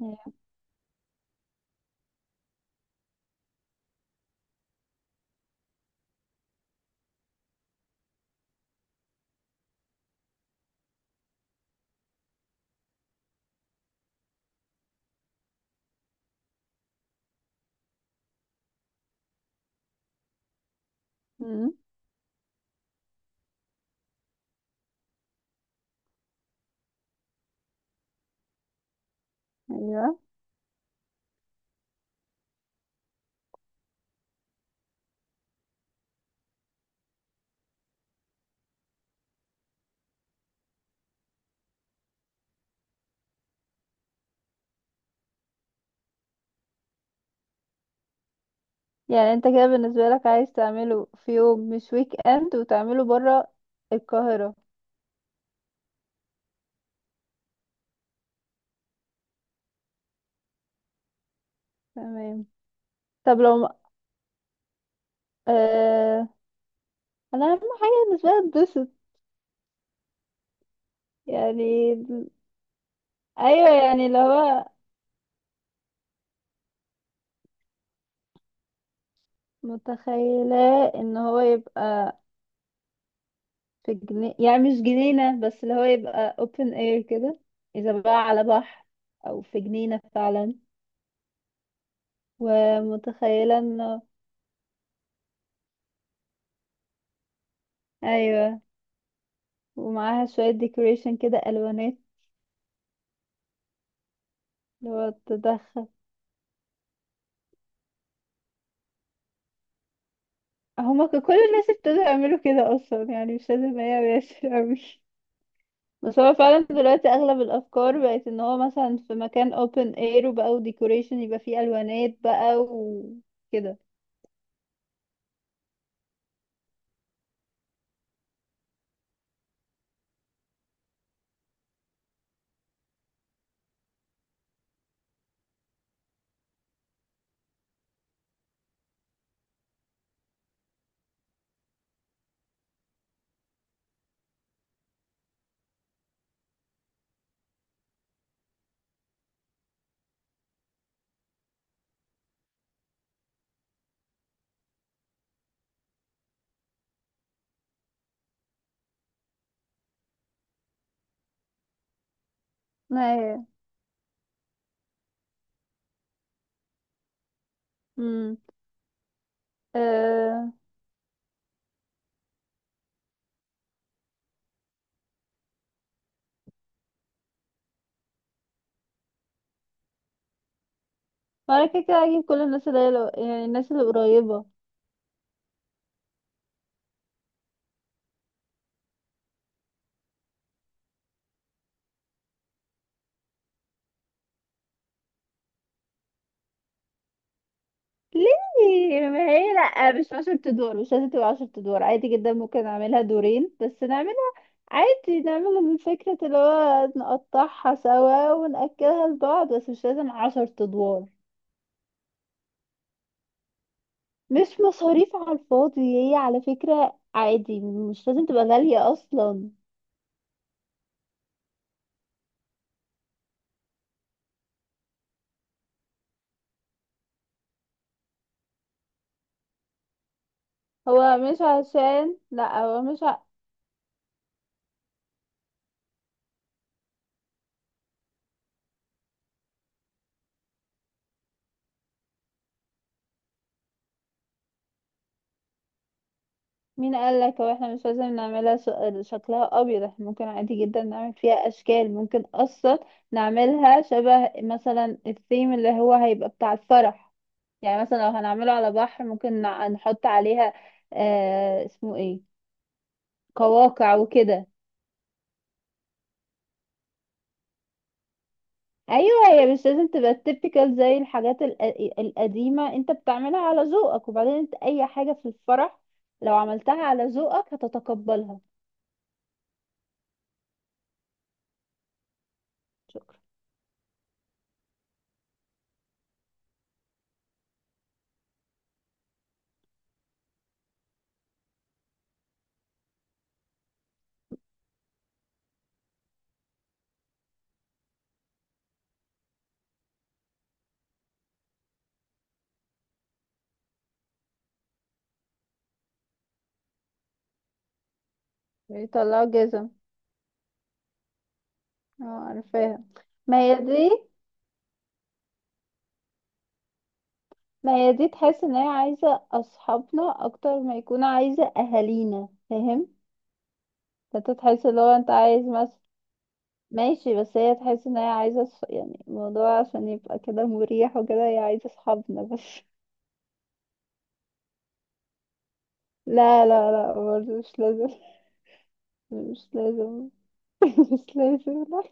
ايوه. مم. أيوة. يعني انت كده بالنسبة لك عايز تعمله في يوم مش ويك اند وتعمله برا القاهرة. تمام. طب لو ما... آه... انا اهم حاجة بالنسبة لي اتبسط. يعني ايوه يعني اللي هو متخيلة ان هو يبقى في جنينة، يعني مش جنينة، بس اللي هو يبقى open air كده، اذا بقى على بحر او في جنينة فعلا، ومتخيلة انه ايوه، ومعاها شوية decoration كده الوانات لو تدخل. كل الناس ابتدوا يعملوا كده اصلا، يعني مش لازم هي ياسر اوي، بس هو فعلا دلوقتي اغلب الافكار بقت ان هو مثلا في مكان open air وبقى ديكوريشن يبقى فيه الوانات بقى وكده. ايوه. امم أه... وانا كده كده هجيب كل الناس اللي هي يعني الناس اللي قريبة. ليه؟ ما هي لا، مش عشر ادوار، مش لازم تبقى عشر ادوار، عادي جدا ممكن اعملها دورين بس، نعمل عادي، نعمل من فكرة اللي هو نقطعها سوا ونأكلها لبعض، بس مش لازم عشر أدوار. مش مصاريف على الفاضي، هي على فكرة عادي، مش لازم تبقى غالية أصلا. هو مش عشان لا هو مش ع... مين قالك هو احنا مش لازم شكلها أبيض؟ احنا ممكن عادي جدا نعمل فيها أشكال، ممكن أصلا نعملها شبه مثلا الثيم اللي هو هيبقى بتاع الفرح. يعني مثلا لو هنعمله على بحر ممكن نحط عليها، آه اسمه ايه، كواقع وكده. ايوه، هي مش لازم تبقى typical زي الحاجات القديمه، انت بتعملها على ذوقك، وبعدين انت اي حاجه في الفرح لو عملتها على ذوقك هتتقبلها. شكرا. بيطلعوا جزم. اه عارفاها. ما هي دي. ما هي دي تحس ان هي عايزه اصحابنا اكتر ما يكون عايزه اهالينا، فاهم؟ انت تحس اللي هو انت عايز مثلا ماشي، بس هي تحس ان هي يعني الموضوع عشان يبقى كده مريح وكده، هي عايزه اصحابنا بس. لا لا لا، برضه مش لازم. مش لازم. مش لازم، لا.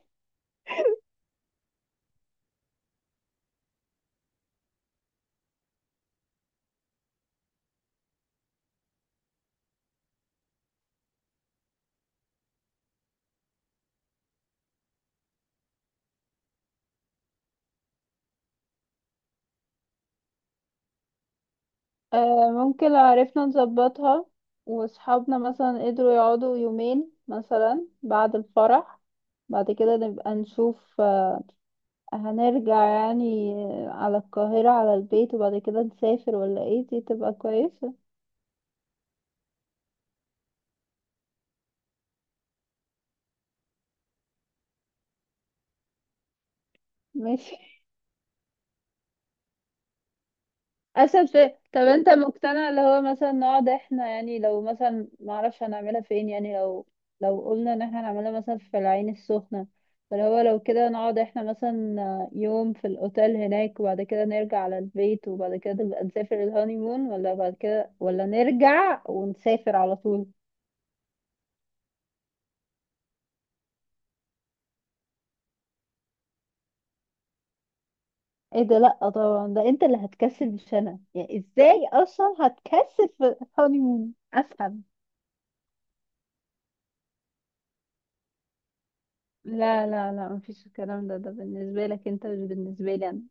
آه ممكن لو عرفنا نظبطها، وصحابنا مثلا قدروا يقعدوا يومين مثلا بعد الفرح، بعد كده نبقى نشوف، آه، هنرجع يعني، آه، على القاهرة على البيت، وبعد كده نسافر، ولا ايه؟ دي تبقى كويسة. ماشي. اسهل في. طب انت مقتنع اللي هو مثلا نقعد احنا، يعني لو مثلا معرفش هنعملها فين، يعني لو لو قلنا ان احنا هنعملها مثلا في العين السخنة، فاللي هو لو كده نقعد احنا مثلا يوم في الاوتيل هناك، وبعد كده نرجع على البيت، وبعد كده نبقى نسافر الهانيمون، ولا بعد كده، ولا نرجع ونسافر على طول؟ ايه ده؟ لا طبعا، ده انت اللي هتكسل مش انا، يعني ازاي اصلا هتكسل في الهانيمون؟ افهم. لا لا لا، مفيش الكلام ده، ده بالنسبة لك انت مش بالنسبة لي انا.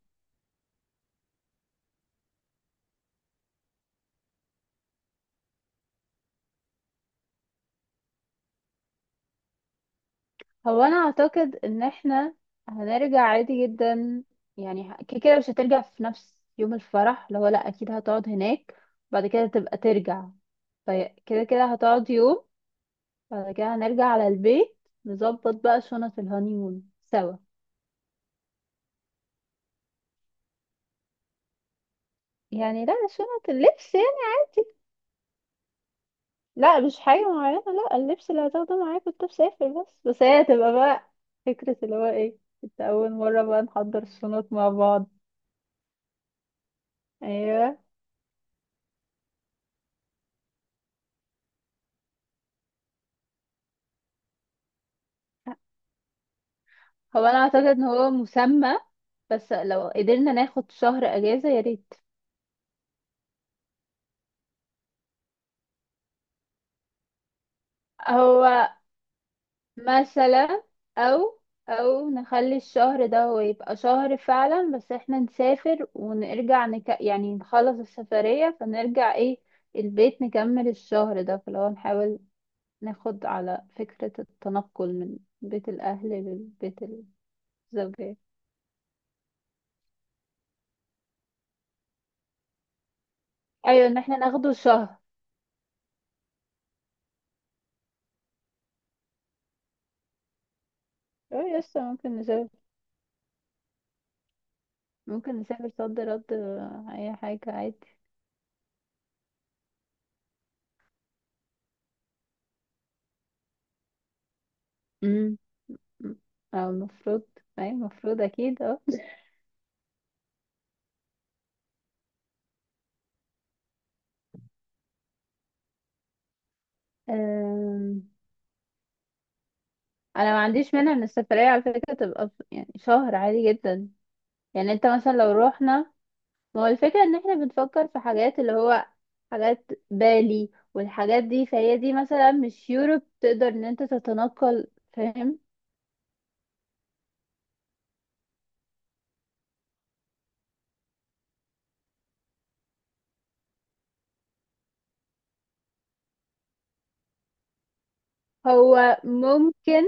انا اعتقد ان احنا هنرجع عادي جدا، يعني كده كده مش هترجع في نفس يوم الفرح، اللي هو لا اكيد هتقعد هناك، بعد كده تبقى ترجع، فكده كده هتقعد يوم، بعد كده هنرجع على البيت، نظبط بقى شنط الهانيمون سوا. يعني لا، شنط اللبس يعني عادي. لا مش حاجة معينة، لا اللبس اللي هتاخده معاك وانت مسافر بس، بس هي هتبقى بقى فكرة اللي هو ايه، انت اول مرة بقى نحضر الشنط مع بعض. ايوه. انا اعتقد ان هو مسمى، بس لو قدرنا ناخد شهر اجازة يا ريت. هو مثلا او او نخلي الشهر ده هو يبقى شهر فعلا، بس احنا نسافر ونرجع، يعني نخلص السفرية فنرجع ايه البيت، نكمل الشهر ده. فلو نحاول ناخد على فكرة التنقل من بيت الاهل للبيت الزوجية. ايوه، ان احنا ناخده شهر. اه يس ممكن نسافر. ممكن نسافر صد رد، آه، اي حاجة عادي. امم. او المفروض، اي المفروض اكيد، اه. أم، انا ما عنديش مانع ان السفرية على فكرة تبقى يعني شهر عادي جدا. يعني انت مثلا لو روحنا، ما هو الفكرة ان احنا بنفكر في حاجات اللي هو حاجات بالي والحاجات دي، فهي دي مثلا مش يوروب تقدر ان انت تتنقل، فاهم؟ هو ممكن.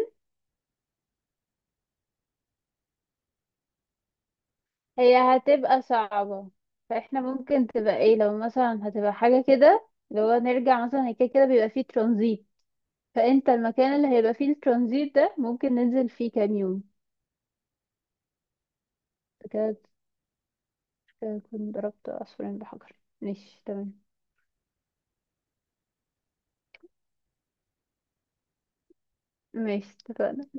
هي هتبقى صعبة، فاحنا ممكن تبقى ايه لو مثلا هتبقى حاجة كده اللي هو نرجع مثلا، هي كده كده بيبقى فيه ترانزيت، فانت المكان اللي هيبقى فيه الترانزيت ده ممكن ننزل فيه كام يوم. كده كده اكون ضربت عصفورين بحجر. ماشي تمام. ماشي اتفقنا.